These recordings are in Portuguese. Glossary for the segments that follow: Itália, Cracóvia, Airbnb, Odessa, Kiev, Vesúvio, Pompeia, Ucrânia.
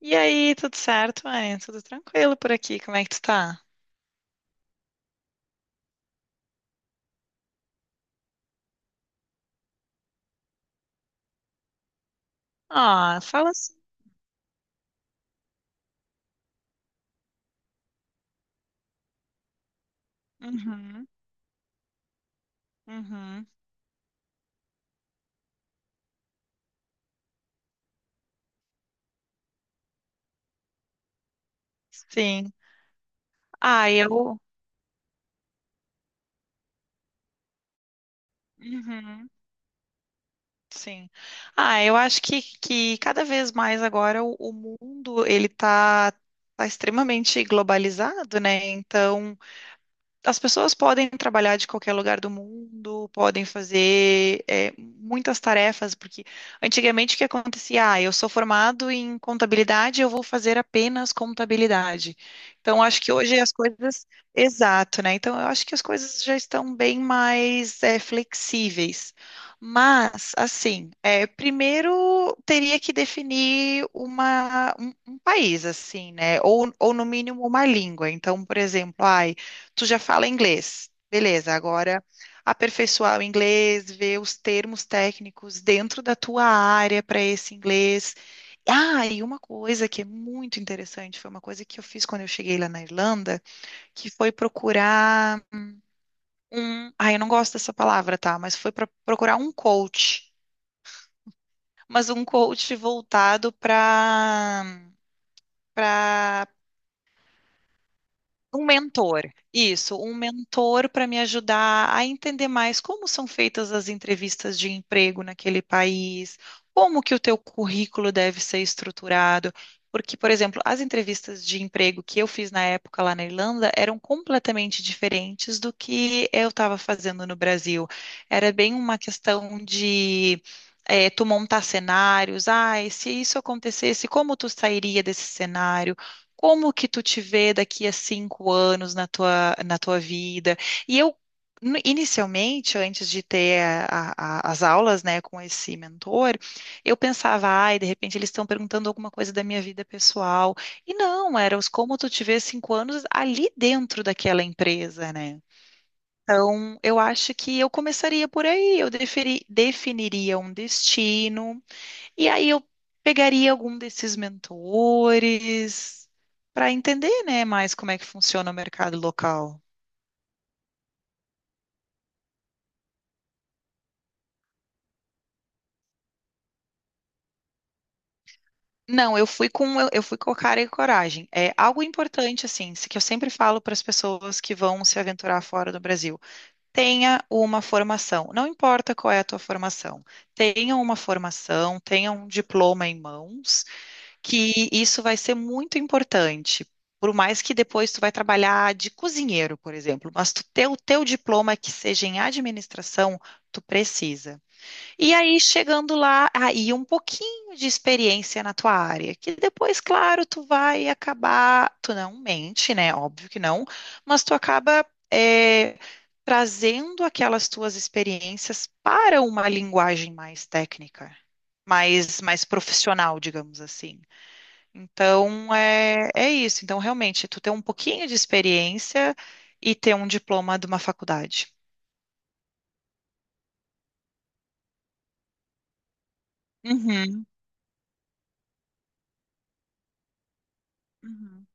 E aí, tudo certo, mãe? Tudo tranquilo por aqui? Como é que tu tá? Ah, fala assim. Uhum, uhum, sim. Ah, eu. Uhum, sim. Ah, eu acho que cada vez mais agora o mundo ele tá, tá extremamente globalizado, né? Então, as pessoas podem trabalhar de qualquer lugar do mundo, podem fazer é, muitas tarefas, porque antigamente o que acontecia? Ah, eu sou formado em contabilidade, eu vou fazer apenas contabilidade. Então, acho que hoje as coisas. Exato, né? Então, eu acho que as coisas já estão bem mais é, flexíveis. Mas, assim, é, primeiro teria que definir um país, assim, né? Ou no mínimo, uma língua. Então, por exemplo, ai tu já fala inglês. Beleza, agora aperfeiçoar o inglês, ver os termos técnicos dentro da tua área para esse inglês. Ah, e uma coisa que é muito interessante, foi uma coisa que eu fiz quando eu cheguei lá na Irlanda, que foi procurar um, ah, eu não gosto dessa palavra, tá, mas foi para procurar um coach, mas um coach voltado para um mentor, isso, um mentor para me ajudar a entender mais como são feitas as entrevistas de emprego naquele país, como que o teu currículo deve ser estruturado, porque, por exemplo, as entrevistas de emprego que eu fiz na época lá na Irlanda eram completamente diferentes do que eu estava fazendo no Brasil. Era bem uma questão de tu montar cenários, ah, e se isso acontecesse, como tu sairia desse cenário? Como que tu te vê daqui a 5 anos na tua vida? E eu, inicialmente, antes de ter as aulas, né, com esse mentor, eu pensava, ai, de repente eles estão perguntando alguma coisa da minha vida pessoal. E não, era os como tu te vê 5 anos ali dentro daquela empresa, né? Então, eu acho que eu começaria por aí, eu definiria um destino, e aí eu pegaria algum desses mentores para entender, né, mais como é que funciona o mercado local. Não, eu fui com eu fui com cara e coragem. É algo importante assim, que eu sempre falo para as pessoas que vão se aventurar fora do Brasil. Tenha uma formação. Não importa qual é a tua formação. Tenha uma formação, tenha um diploma em mãos que isso vai ser muito importante. Por mais que depois tu vai trabalhar de cozinheiro, por exemplo, mas tu ter o teu diploma que seja em administração, tu precisa. E aí, chegando lá, aí um pouquinho de experiência na tua área, que depois, claro, tu vai acabar, tu não mente, né? Óbvio que não, mas tu acaba eh, trazendo aquelas tuas experiências para uma linguagem mais técnica, mais profissional, digamos assim. Então, é isso. Então, realmente, tu ter um pouquinho de experiência e ter um diploma de uma faculdade. Uhum, uhum,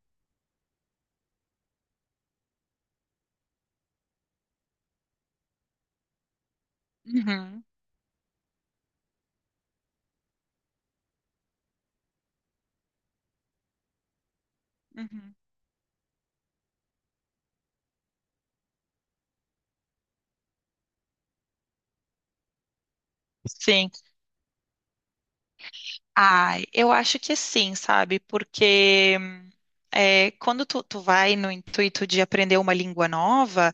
uhum, uhum. Sim. Ai, eu acho que sim, sabe? Porque é, quando tu vai no intuito de aprender uma língua nova,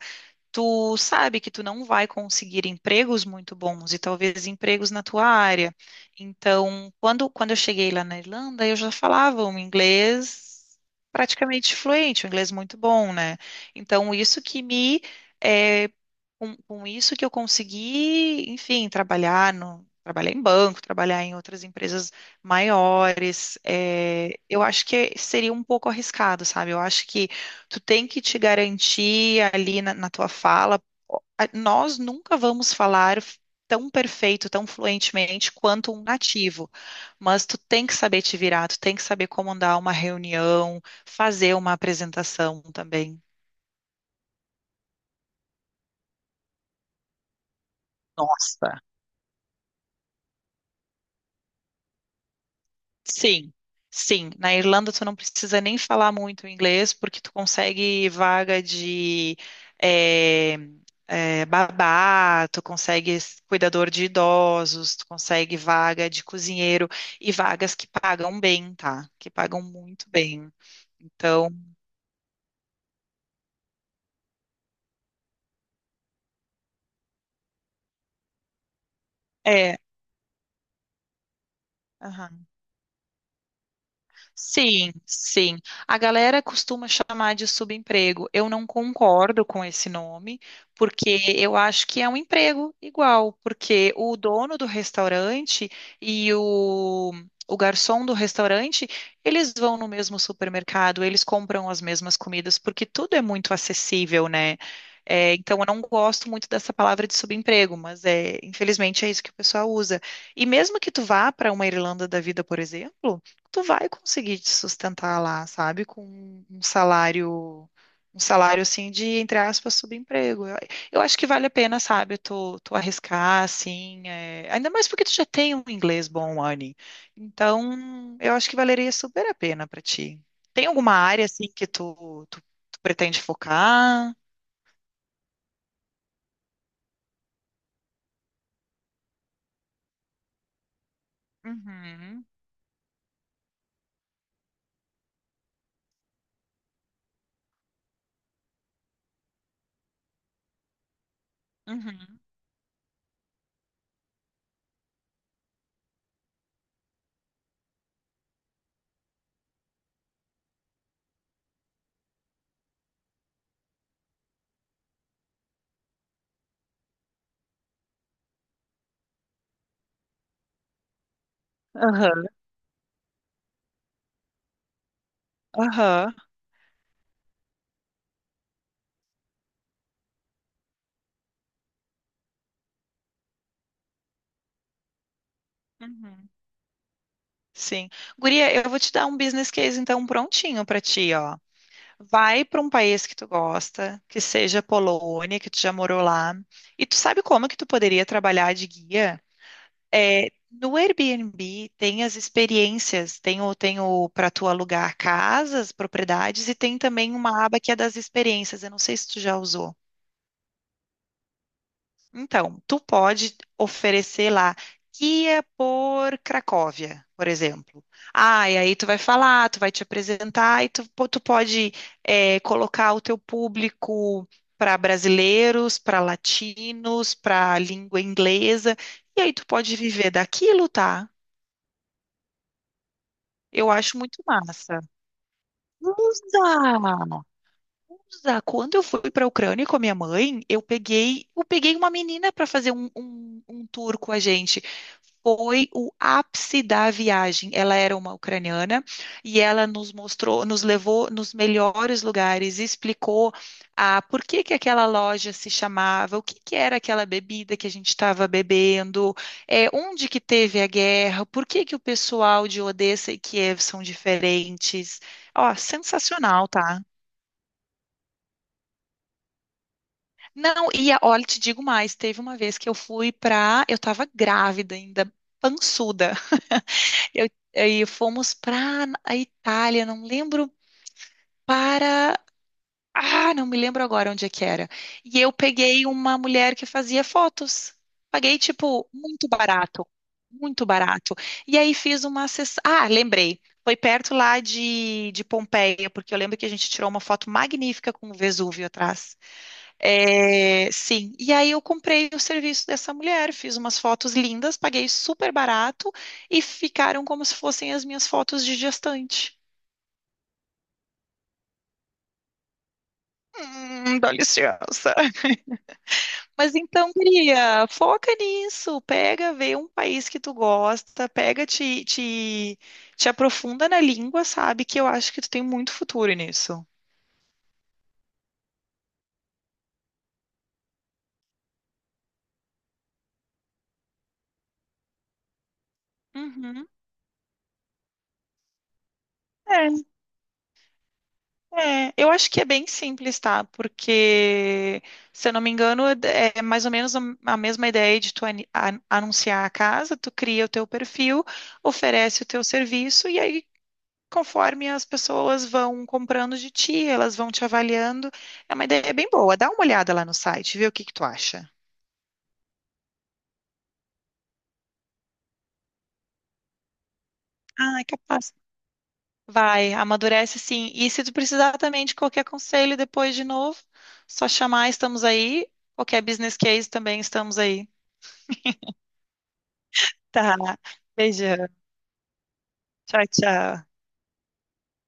tu sabe que tu não vai conseguir empregos muito bons e talvez empregos na tua área. Então, quando eu cheguei lá na Irlanda, eu já falava um inglês praticamente fluente, um inglês muito bom, né? Então, isso que me, eh, com isso que eu consegui, enfim, trabalhar no trabalhar em banco, trabalhar em outras empresas maiores, eu acho que seria um pouco arriscado, sabe? Eu acho que tu tem que te garantir ali na, na tua fala. Nós nunca vamos falar tão perfeito, tão fluentemente quanto um nativo, mas tu tem que saber te virar, tu tem que saber comandar uma reunião, fazer uma apresentação também. Nossa. Sim, sim. Na Irlanda tu não precisa nem falar muito inglês porque tu consegue vaga de eh, babá, tu consegue cuidador de idosos, tu consegue vaga de cozinheiro e vagas que pagam bem, tá? Que pagam muito bem. Então, é. Sim, sim. A galera costuma chamar de subemprego. Eu não concordo com esse nome, porque eu acho que é um emprego igual, porque o dono do restaurante e o garçom do restaurante, eles vão no mesmo supermercado, eles compram as mesmas comidas, porque tudo é muito acessível, né? É, então, eu não gosto muito dessa palavra de subemprego, mas é, infelizmente é isso que o pessoal usa. E mesmo que tu vá para uma Irlanda da vida, por exemplo, tu vai conseguir te sustentar lá, sabe? Com um salário assim de, entre aspas, subemprego. Eu acho que vale a pena, sabe? Tu arriscar, assim. É, ainda mais porque tu já tem um inglês bom, Anne. Então, eu acho que valeria super a pena pra ti. Tem alguma área, assim, tu pretende focar? Uhum. Uhum. Aham. Aham. Uhum. Sim. Guria, eu vou te dar um business case então prontinho pra ti, ó. Vai para um país que tu gosta, que seja Polônia, que tu já morou lá. E tu sabe como que tu poderia trabalhar de guia? É, no Airbnb tem as experiências, tem o para tu alugar casas, propriedades e tem também uma aba que é das experiências. Eu não sei se tu já usou. Então, tu pode oferecer lá guia por Cracóvia, por exemplo. Ah, e aí tu vai falar, tu vai te apresentar e tu, tu pode colocar o teu público para brasileiros, para latinos, para língua inglesa, e aí tu pode viver daquilo, tá? Eu acho muito massa. Usa! Usa. Quando eu fui para a Ucrânia com a minha mãe, eu peguei uma menina para fazer um tour com a gente. Foi o ápice da viagem. Ela era uma ucraniana e ela nos mostrou, nos levou nos melhores lugares, explicou a por que que aquela loja se chamava, o que que era aquela bebida que a gente estava bebendo, é, onde que teve a guerra, por que que o pessoal de Odessa e Kiev são diferentes. Ó, sensacional, tá? Não, e olha, te digo mais, teve uma vez que eu fui pra, eu tava grávida ainda, pançuda. Eu, aí fomos pra a Itália, não lembro para, ah, não me lembro agora onde é que era. E eu peguei uma mulher que fazia fotos. Paguei tipo muito barato, muito barato. E aí fiz uma sessão, ah, lembrei. Foi perto lá de Pompeia, porque eu lembro que a gente tirou uma foto magnífica com o Vesúvio atrás. É, sim, e aí eu comprei o serviço dessa mulher, fiz umas fotos lindas, paguei super barato e ficaram como se fossem as minhas fotos de gestante. Dá licença. Mas então, guria, foca nisso, pega, vê um país que tu gosta, pega, te aprofunda na língua, sabe? Que eu acho que tu tem muito futuro nisso. Uhum. É, eu acho que é bem simples, tá? Porque, se eu não me engano, é mais ou menos a mesma ideia de tu anunciar a casa, tu cria o teu perfil, oferece o teu serviço e aí, conforme as pessoas vão comprando de ti, elas vão te avaliando. É uma ideia bem boa. Dá uma olhada lá no site, vê o que que tu acha. Ah, é capaz. Vai, amadurece sim. E se tu precisar também de qualquer conselho depois de novo, só chamar, estamos aí. Qualquer business case também estamos aí. Tá. Beijão. Tchau, tchau.